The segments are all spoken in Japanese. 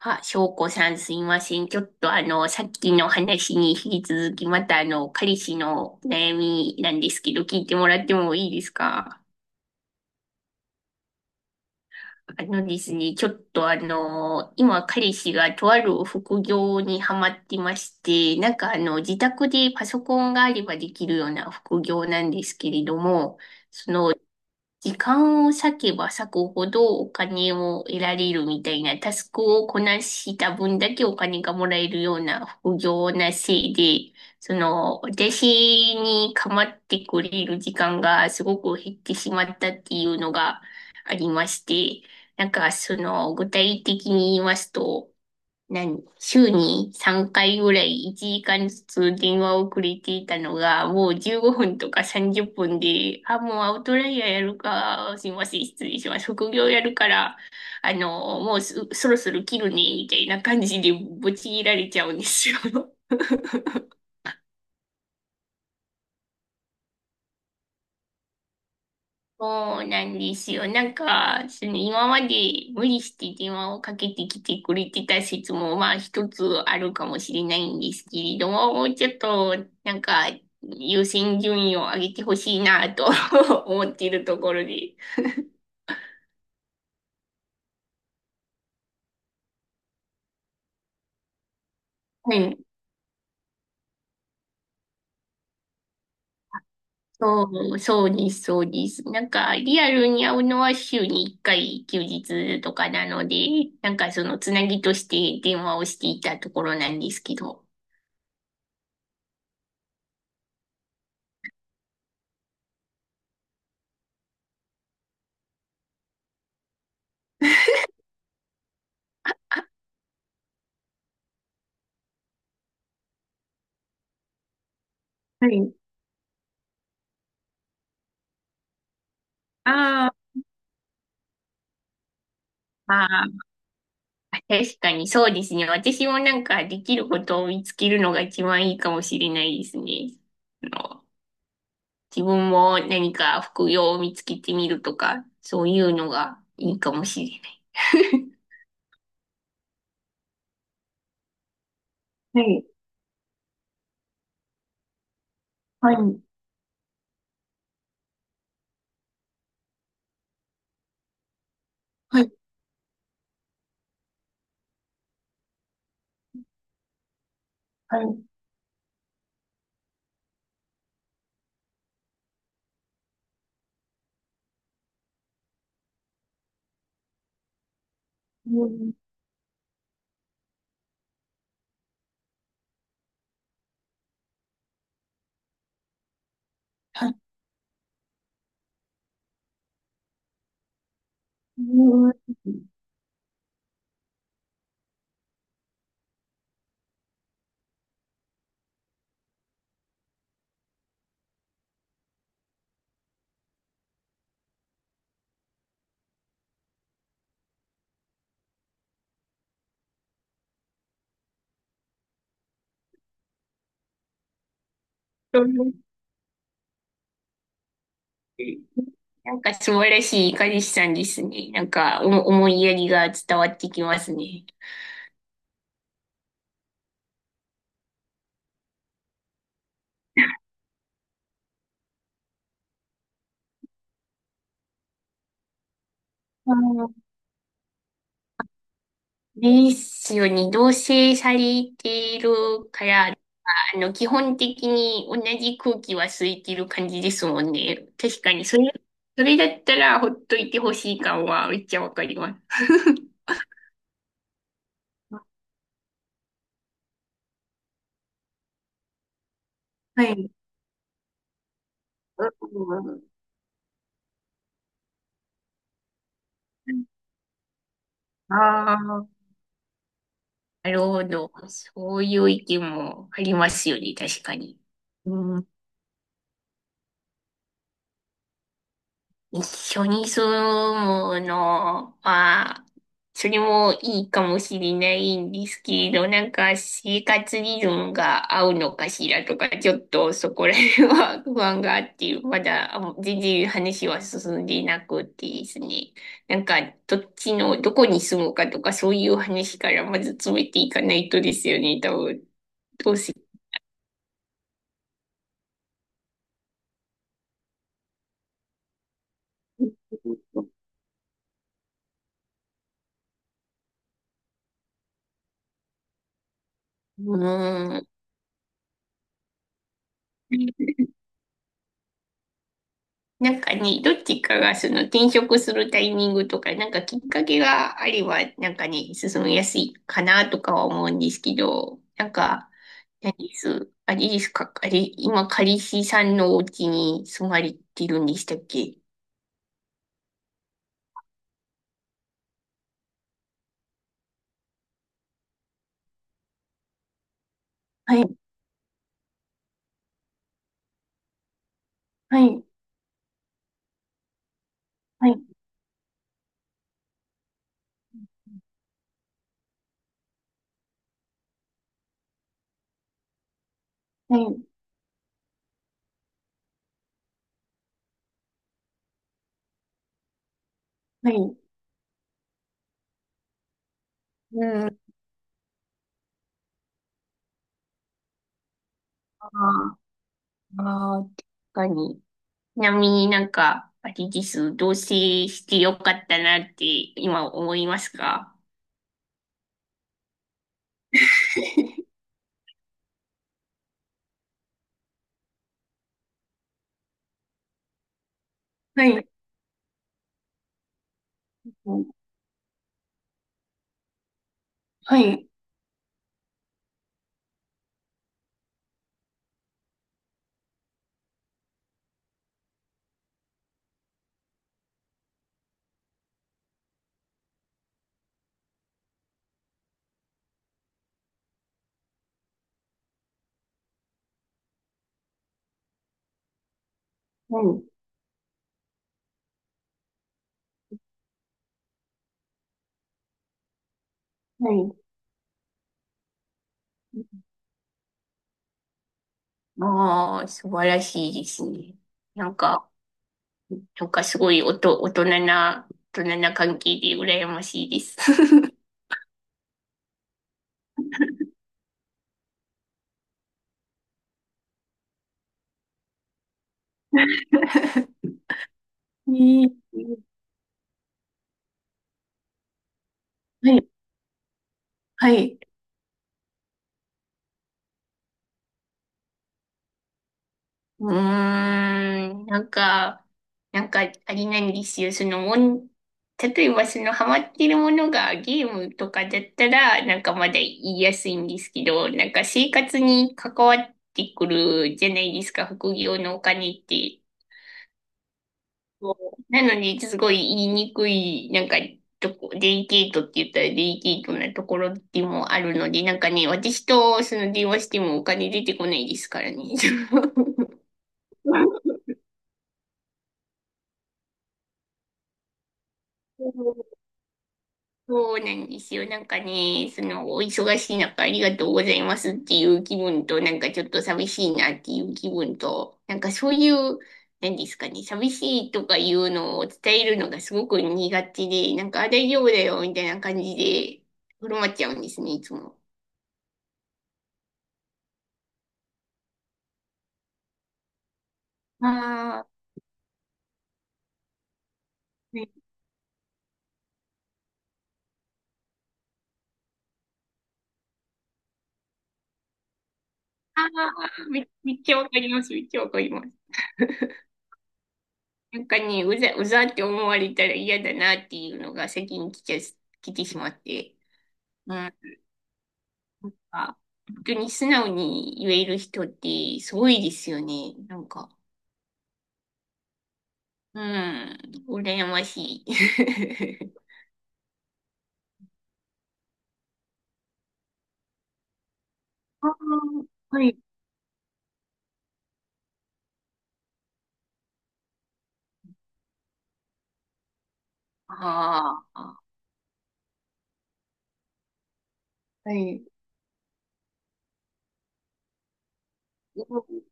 あ、翔子さんすいません。ちょっとさっきの話に引き続き、また彼氏の悩みなんですけど、聞いてもらってもいいですか？あのですね、ちょっと今彼氏がとある副業にハマってまして、自宅でパソコンがあればできるような副業なんですけれども、時間を割けば割くほどお金を得られるみたいな、タスクをこなした分だけお金がもらえるような副業なせいで、その、私に構ってくれる時間がすごく減ってしまったっていうのがありまして、なんかその、具体的に言いますと、何週に3回ぐらい1時間ずつ電話をくれていたのが、もう15分とか30分で、あ、もうアウトライヤーやるか、すいません、失礼します。副業やるから、もうすそろそろ切るね、みたいな感じでぶち切られちゃうんですよ。そうなんですよ。なんか、その今まで無理して電話をかけてきてくれてた説も、まあ一つあるかもしれないんですけれども、もうちょっと、なんか、優先順位を上げてほしいなと 思っているところで。はい。そそうです、そうです。なんか、リアルに会うのは週に1回休日とかなので、なんかそのつなぎとして電話をしていたところなんですけど。はい。あーあー。確かにそうですね。私もなんかできることを見つけるのが一番いいかもしれないですね。あの、自分も何か副業を見つけてみるとか、そういうのがいいかもしれない。はい、はい、はい、はい、うん、はい、うん。なんか素晴らしい彼氏さんですね。なんかお思いやりが伝わってきますね。あのですよね。同棲されているから、あの、基本的に同じ空気は吸いてる感じですもんね。確かに、それ、それだったらほっといてほしい感はめっちゃわかります。はい。ああー、なるほど。そういう意見もありますよね、確かに。うん。一緒に住むのは、それもいいかもしれないんですけど、なんか生活リズムが合うのかしらとか、ちょっとそこら辺は 不安があって、まだあの全然話は進んでいなくてですね。なんかどっちの、どこに住むかとか、そういう話からまず詰めていかないとですよね、多分。どうせ。うーん。なんかね、どっちかがその転職するタイミングとか、なんかきっかけがあれば、なんかね、進みやすいかなとかは思うんですけど、なんか、何です、あれですか、あれ、今、彼氏さんのお家に住まれてるんでしたっけ？はい、はい、はい、はい、はい。うん、あーあー、確かに。ちなみになんか、あれです、同棲してよかったなって今思いますか？ はい、はい。はい。はい。ああ、素晴らしいですね。なんか、なんかすごいおと、大人な、大人な関係で羨ましいです。ねえ。はい、はい。うーん、なんか、なんか、あれなんですよ。そのもん、例えばそのハマってるものがゲームとかだったら、なんかまだ言いやすいんですけど、なんか生活に関わってくるじゃないですか、副業のお金って。そうなのに、すごい言いにくい、なんか、とこ、デリケートって言ったらデリケートなところでもあるので、なんかね、私とその電話してもお金出てこないですからね。そうなんですよ。なんかね、その、お忙しい中ありがとうございますっていう気分と、なんかちょっと寂しいなっていう気分と、なんかそういう、何ですかね、寂しいとかいうのを伝えるのがすごく苦手で、なんかあ大丈夫だよみたいな感じで、振る舞っちゃうんですね、いつも。あー、ね、あー、めっちゃわかります、めっちゃわかります。なんかね、うざって思われたら嫌だなっていうのが先に来ちゃ、来てしまって。うんか、本当に素直に言える人ってすごいですよね。なんか、うん、羨ましい。あー、はい。ああ、はい。うん。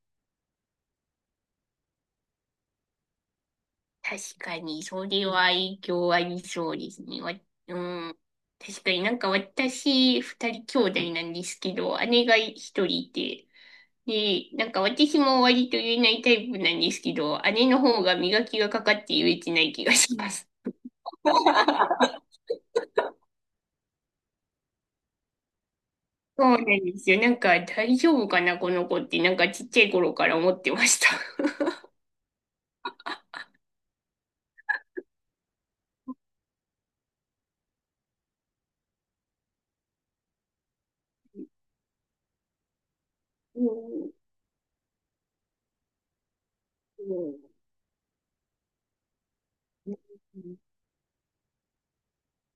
確かに、それは影響ありそうですね。わ、うん。確かになんか私、二人兄弟なんですけど、姉が一人いて、で、なんか私も割と言えないタイプなんですけど、姉の方が磨きがかかって言えてない気がします。そうなんですよ。なんか大丈夫かな、この子って、なんかちっちゃい頃から思ってました。うん。うん。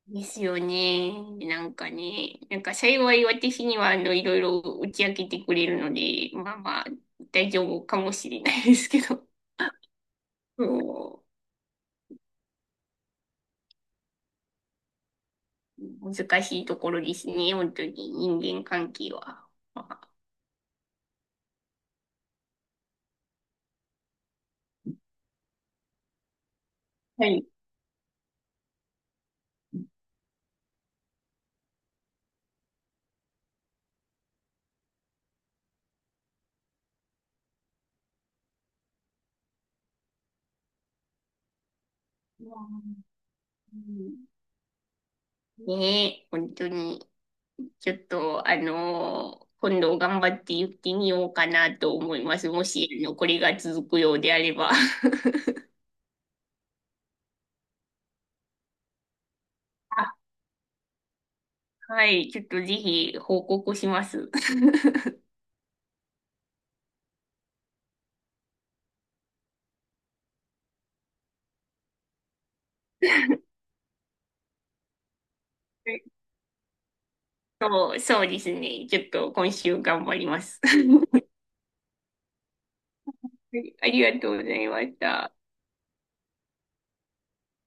ですよね。なんかね、なんか幸い私にはあのいろいろ打ち明けてくれるので、まあまあ大丈夫かもしれないですけど、そう、難しいところですね、本当に人間関係は。まあ、はい。うん。ねえ、本当に。ちょっと、あの、今度頑張って言ってみようかなと思います。もし、あの、これが続くようであれば。あ、はい、ちょっとぜひ報告します。そうですね。ちょっと今週頑張ります。はいありがとうございました。